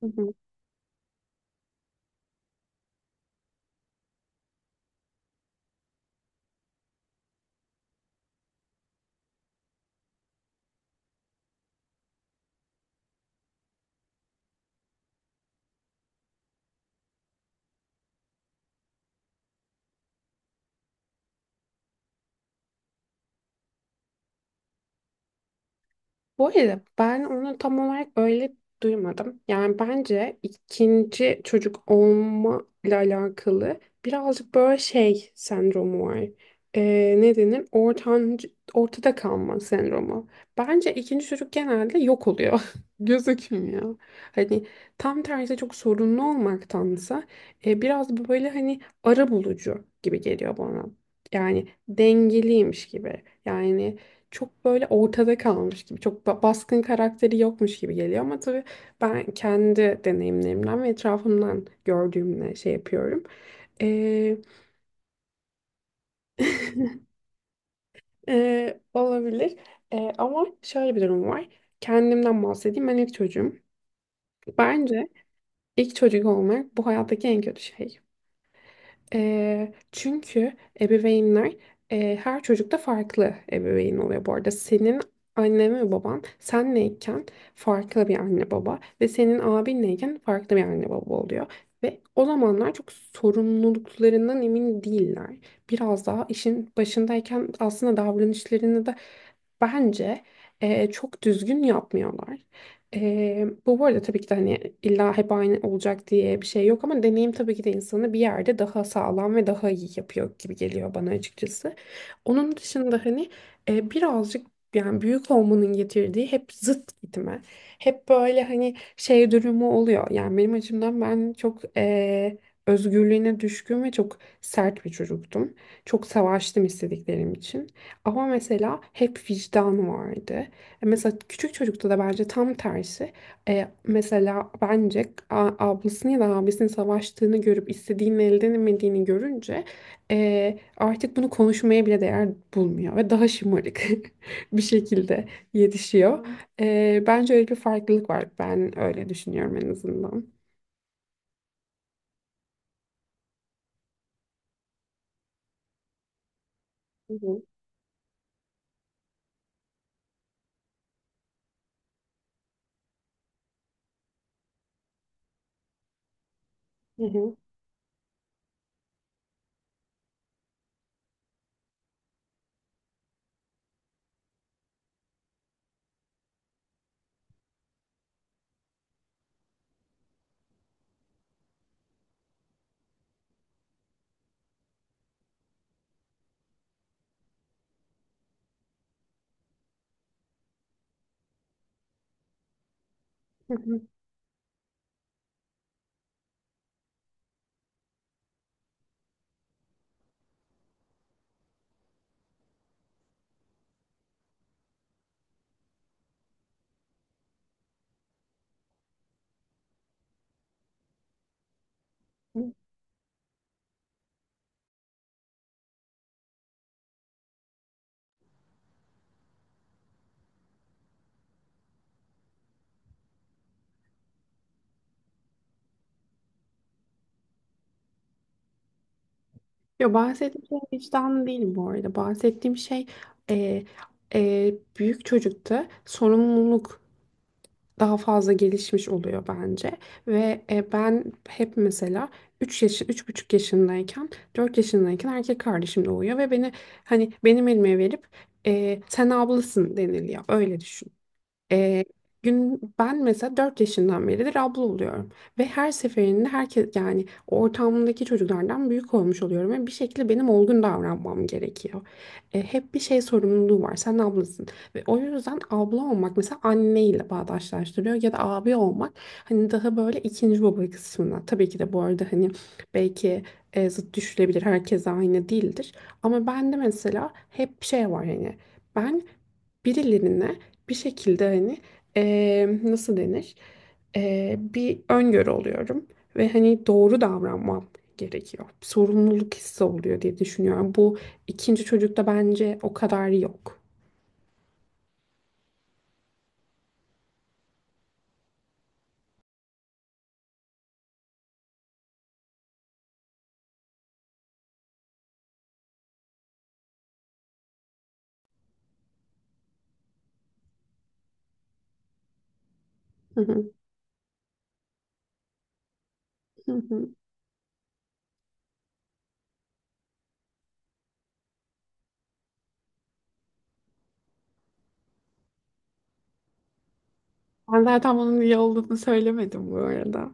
Hı hı. Bu arada ben onu tam olarak öyle duymadım. Yani bence ikinci çocuk olma ile alakalı birazcık böyle şey sendromu var. Ne denir? Ortancı, ortada kalma sendromu. Bence ikinci çocuk genelde yok oluyor. Gözükmüyor. Hani tam tersi çok sorunlu olmaktansa biraz böyle hani ara bulucu gibi geliyor bana. Yani dengeliymiş gibi. Yani çok böyle ortada kalmış gibi, çok baskın karakteri yokmuş gibi geliyor ama tabii ben kendi deneyimlerimden ve etrafımdan gördüğümle şey yapıyorum. Ee, Olabilir. Ama şöyle bir durum var. Kendimden bahsedeyim. Ben ilk çocuğum. Bence ilk çocuk olmak bu hayattaki en kötü şey. Çünkü ebeveynler her çocukta farklı ebeveyn oluyor bu arada. Senin annen ve baban senleyken farklı bir anne baba ve senin abinleyken farklı bir anne baba oluyor. Ve o zamanlar çok sorumluluklarından emin değiller. Biraz daha işin başındayken aslında davranışlarını da bence çok düzgün yapmıyorlar. Bu arada tabii ki de hani illa hep aynı olacak diye bir şey yok ama deneyim tabii ki de insanı bir yerde daha sağlam ve daha iyi yapıyor gibi geliyor bana açıkçası. Onun dışında hani birazcık yani büyük olmanın getirdiği hep zıt gitme. Hep böyle hani şey durumu oluyor. Yani benim açımdan ben çok özgürlüğüne düşkün ve çok sert bir çocuktum. Çok savaştım istediklerim için. Ama mesela hep vicdan vardı. Mesela küçük çocukta da bence tam tersi. Mesela bence ablasını ya da abisinin savaştığını görüp istediğini elde edemediğini görünce artık bunu konuşmaya bile değer bulmuyor ve daha şımarık bir şekilde yetişiyor. Bence öyle bir farklılık var. Ben öyle düşünüyorum en azından. Hı hı. Hı hı. Hı hı. Hı. Yo, bahsettiğim şey vicdan değil bu arada. Bahsettiğim şey e, büyük çocukta sorumluluk daha fazla gelişmiş oluyor bence. Ve ben hep mesela 3 yaş, 3,5 yaşındayken, 4 yaşındayken erkek kardeşim doğuyor ve beni hani benim elime verip sen ablasın deniliyor. Öyle düşün. Ee, Gün ben mesela 4 yaşından beridir abla oluyorum ve her seferinde herkes yani ortamdaki çocuklardan büyük olmuş oluyorum ve bir şekilde benim olgun davranmam gerekiyor. Hep bir şey sorumluluğu var. Sen ablasın ve o yüzden abla olmak mesela anneyle bağdaşlaştırıyor ya da abi olmak hani daha böyle ikinci baba kısmına. Tabii ki de bu arada hani belki zıt düşülebilir. Herkes aynı değildir. Ama ben de mesela hep şey var hani ben birilerine bir şekilde hani nasıl denir? Bir öngörü oluyorum ve hani doğru davranmam gerekiyor. Sorumluluk hissi oluyor diye düşünüyorum. Bu ikinci çocukta bence o kadar yok. Hı hı, hı hı. Ben zaten bunun iyi olduğunu söylemedim bu arada.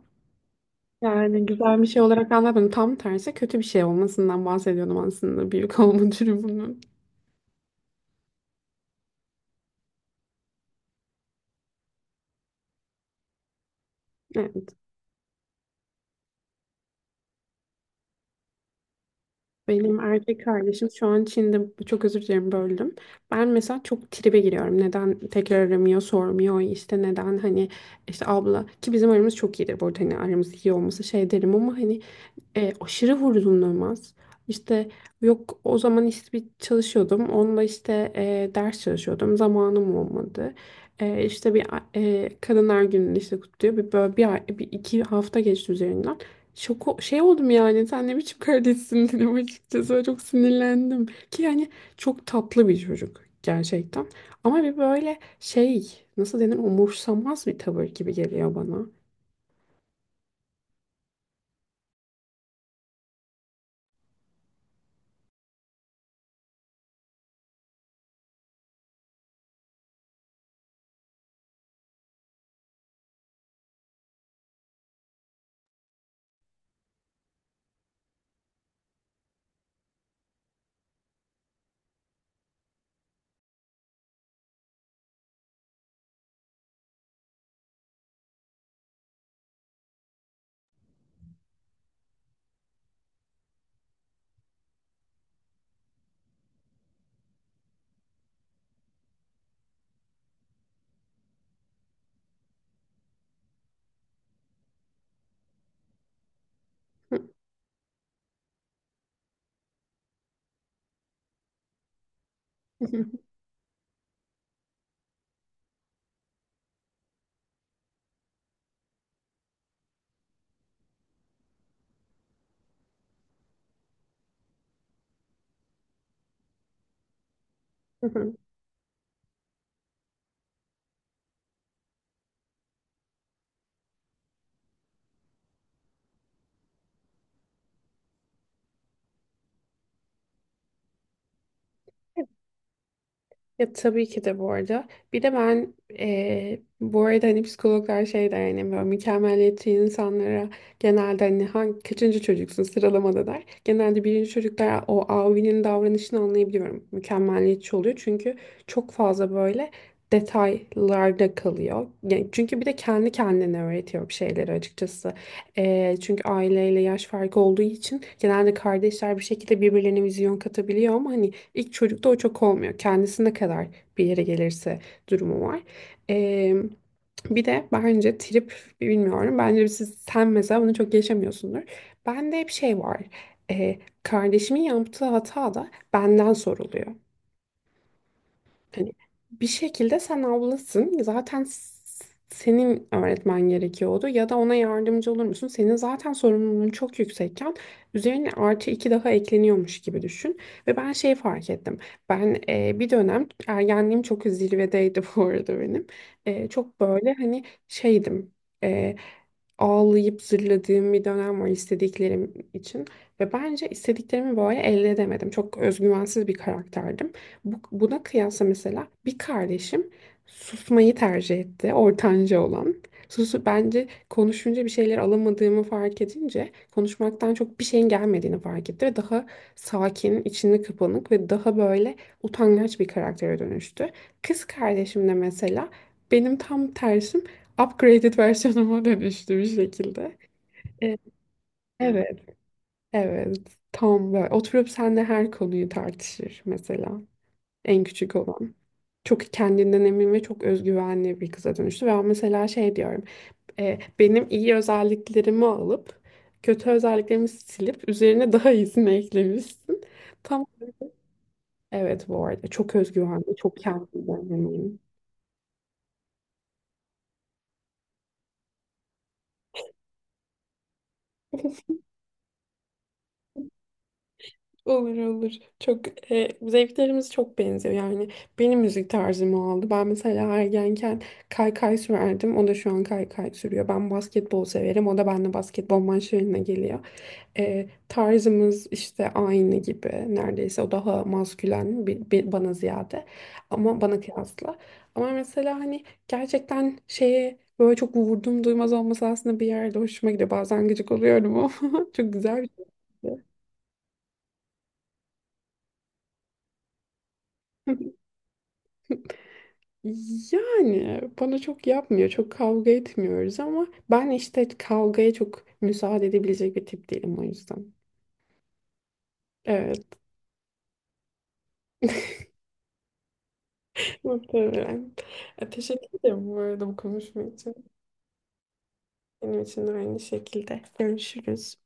Yani güzel bir şey olarak anlatmadım. Tam tersi kötü bir şey olmasından bahsediyordum aslında büyük olma durumunun. Benim erkek kardeşim şu an Çin'de, çok özür dilerim böldüm. Ben mesela çok tribe giriyorum. Neden tekrar aramıyor, sormuyor, işte neden hani işte abla ki bizim aramız çok iyidir bu arada hani aramız iyi olması şey derim ama hani aşırı vurdumlanmaz. İşte yok o zaman işte bir çalışıyordum. Onunla işte ders çalışıyordum. Zamanım olmadı. İşte bir kadınlar gününü işte kutluyor. Bir, böyle bir, bir iki hafta geçti üzerinden. Şoko şey oldum yani sen ne biçim kardeşsin dedim açıkçası. Böyle çok sinirlendim ki yani çok tatlı bir çocuk gerçekten ama bir böyle şey nasıl denir umursamaz bir tavır gibi geliyor bana. Ya tabii ki de bu arada. Bir de ben bu arada hani psikologlar şey der hani böyle mükemmeliyetçi insanlara genelde hani hangi, kaçıncı çocuksun sıralamada der. Genelde birinci çocuklar o avinin davranışını anlayabiliyorum. Mükemmeliyetçi oluyor çünkü çok fazla böyle detaylarda kalıyor. Yani çünkü bir de kendi kendine öğretiyor bir şeyleri açıkçası. Çünkü aileyle yaş farkı olduğu için genelde kardeşler bir şekilde birbirlerine vizyon katabiliyor ama hani İlk çocukta o çok olmuyor. Kendisi ne kadar bir yere gelirse durumu var. Ee, Bir de bence trip bilmiyorum. Bence siz, sen mesela bunu çok yaşamıyorsundur. Bende hep şey var. Kardeşimin yaptığı hata da benden soruluyor. Hani bir şekilde sen ablasın. Zaten senin öğretmen gerekiyordu ya da ona yardımcı olur musun? Senin zaten sorumluluğun çok yüksekken üzerine artı iki daha ekleniyormuş gibi düşün. Ve ben şey fark ettim. Ben bir dönem ergenliğim çok zirvedeydi bu arada benim. Çok böyle hani şeydim. E, Ağlayıp zırladığım bir dönem var istediklerim için ve bence istediklerimi böyle elde edemedim. Çok özgüvensiz bir karakterdim. Buna kıyasla mesela bir kardeşim susmayı tercih etti. Ortanca olan. Susu bence konuşunca bir şeyler alamadığımı fark edince konuşmaktan çok bir şeyin gelmediğini fark etti ve daha sakin, içine kapanık ve daha böyle utangaç bir karaktere dönüştü. Kız kardeşim de mesela benim tam tersim upgraded versiyonuma dönüştü bir şekilde. E, Evet, evet. Tam böyle oturup seninle her konuyu tartışır mesela en küçük olan çok kendinden emin ve çok özgüvenli bir kıza dönüştü. Ve ben mesela şey diyorum, benim iyi özelliklerimi alıp kötü özelliklerimi silip üzerine daha iyisini eklemişsin. Tam. Evet bu arada çok özgüvenli, çok kendinden emin. Olur olur. Çok zevklerimiz çok benziyor. Yani benim müzik tarzımı aldı. Ben mesela ergenken kaykay sürerdim. O da şu an kaykay sürüyor. Ben basketbol severim. O da benimle basketbol maçlarına geliyor. Tarzımız işte aynı gibi neredeyse o daha maskülen bir, bir bana ziyade ama bana kıyasla ama mesela hani gerçekten şeye böyle çok vurdum duymaz olması aslında bir yerde hoşuma gidiyor bazen gıcık oluyorum ama çok güzel bir şey. Yani bana çok yapmıyor, çok kavga etmiyoruz ama ben işte kavgaya çok müsaade edebilecek bir tip değilim o yüzden. Evet, muhtemelen. Teşekkür ederim bu arada bu konuşma için. Benim için de aynı şekilde. Görüşürüz.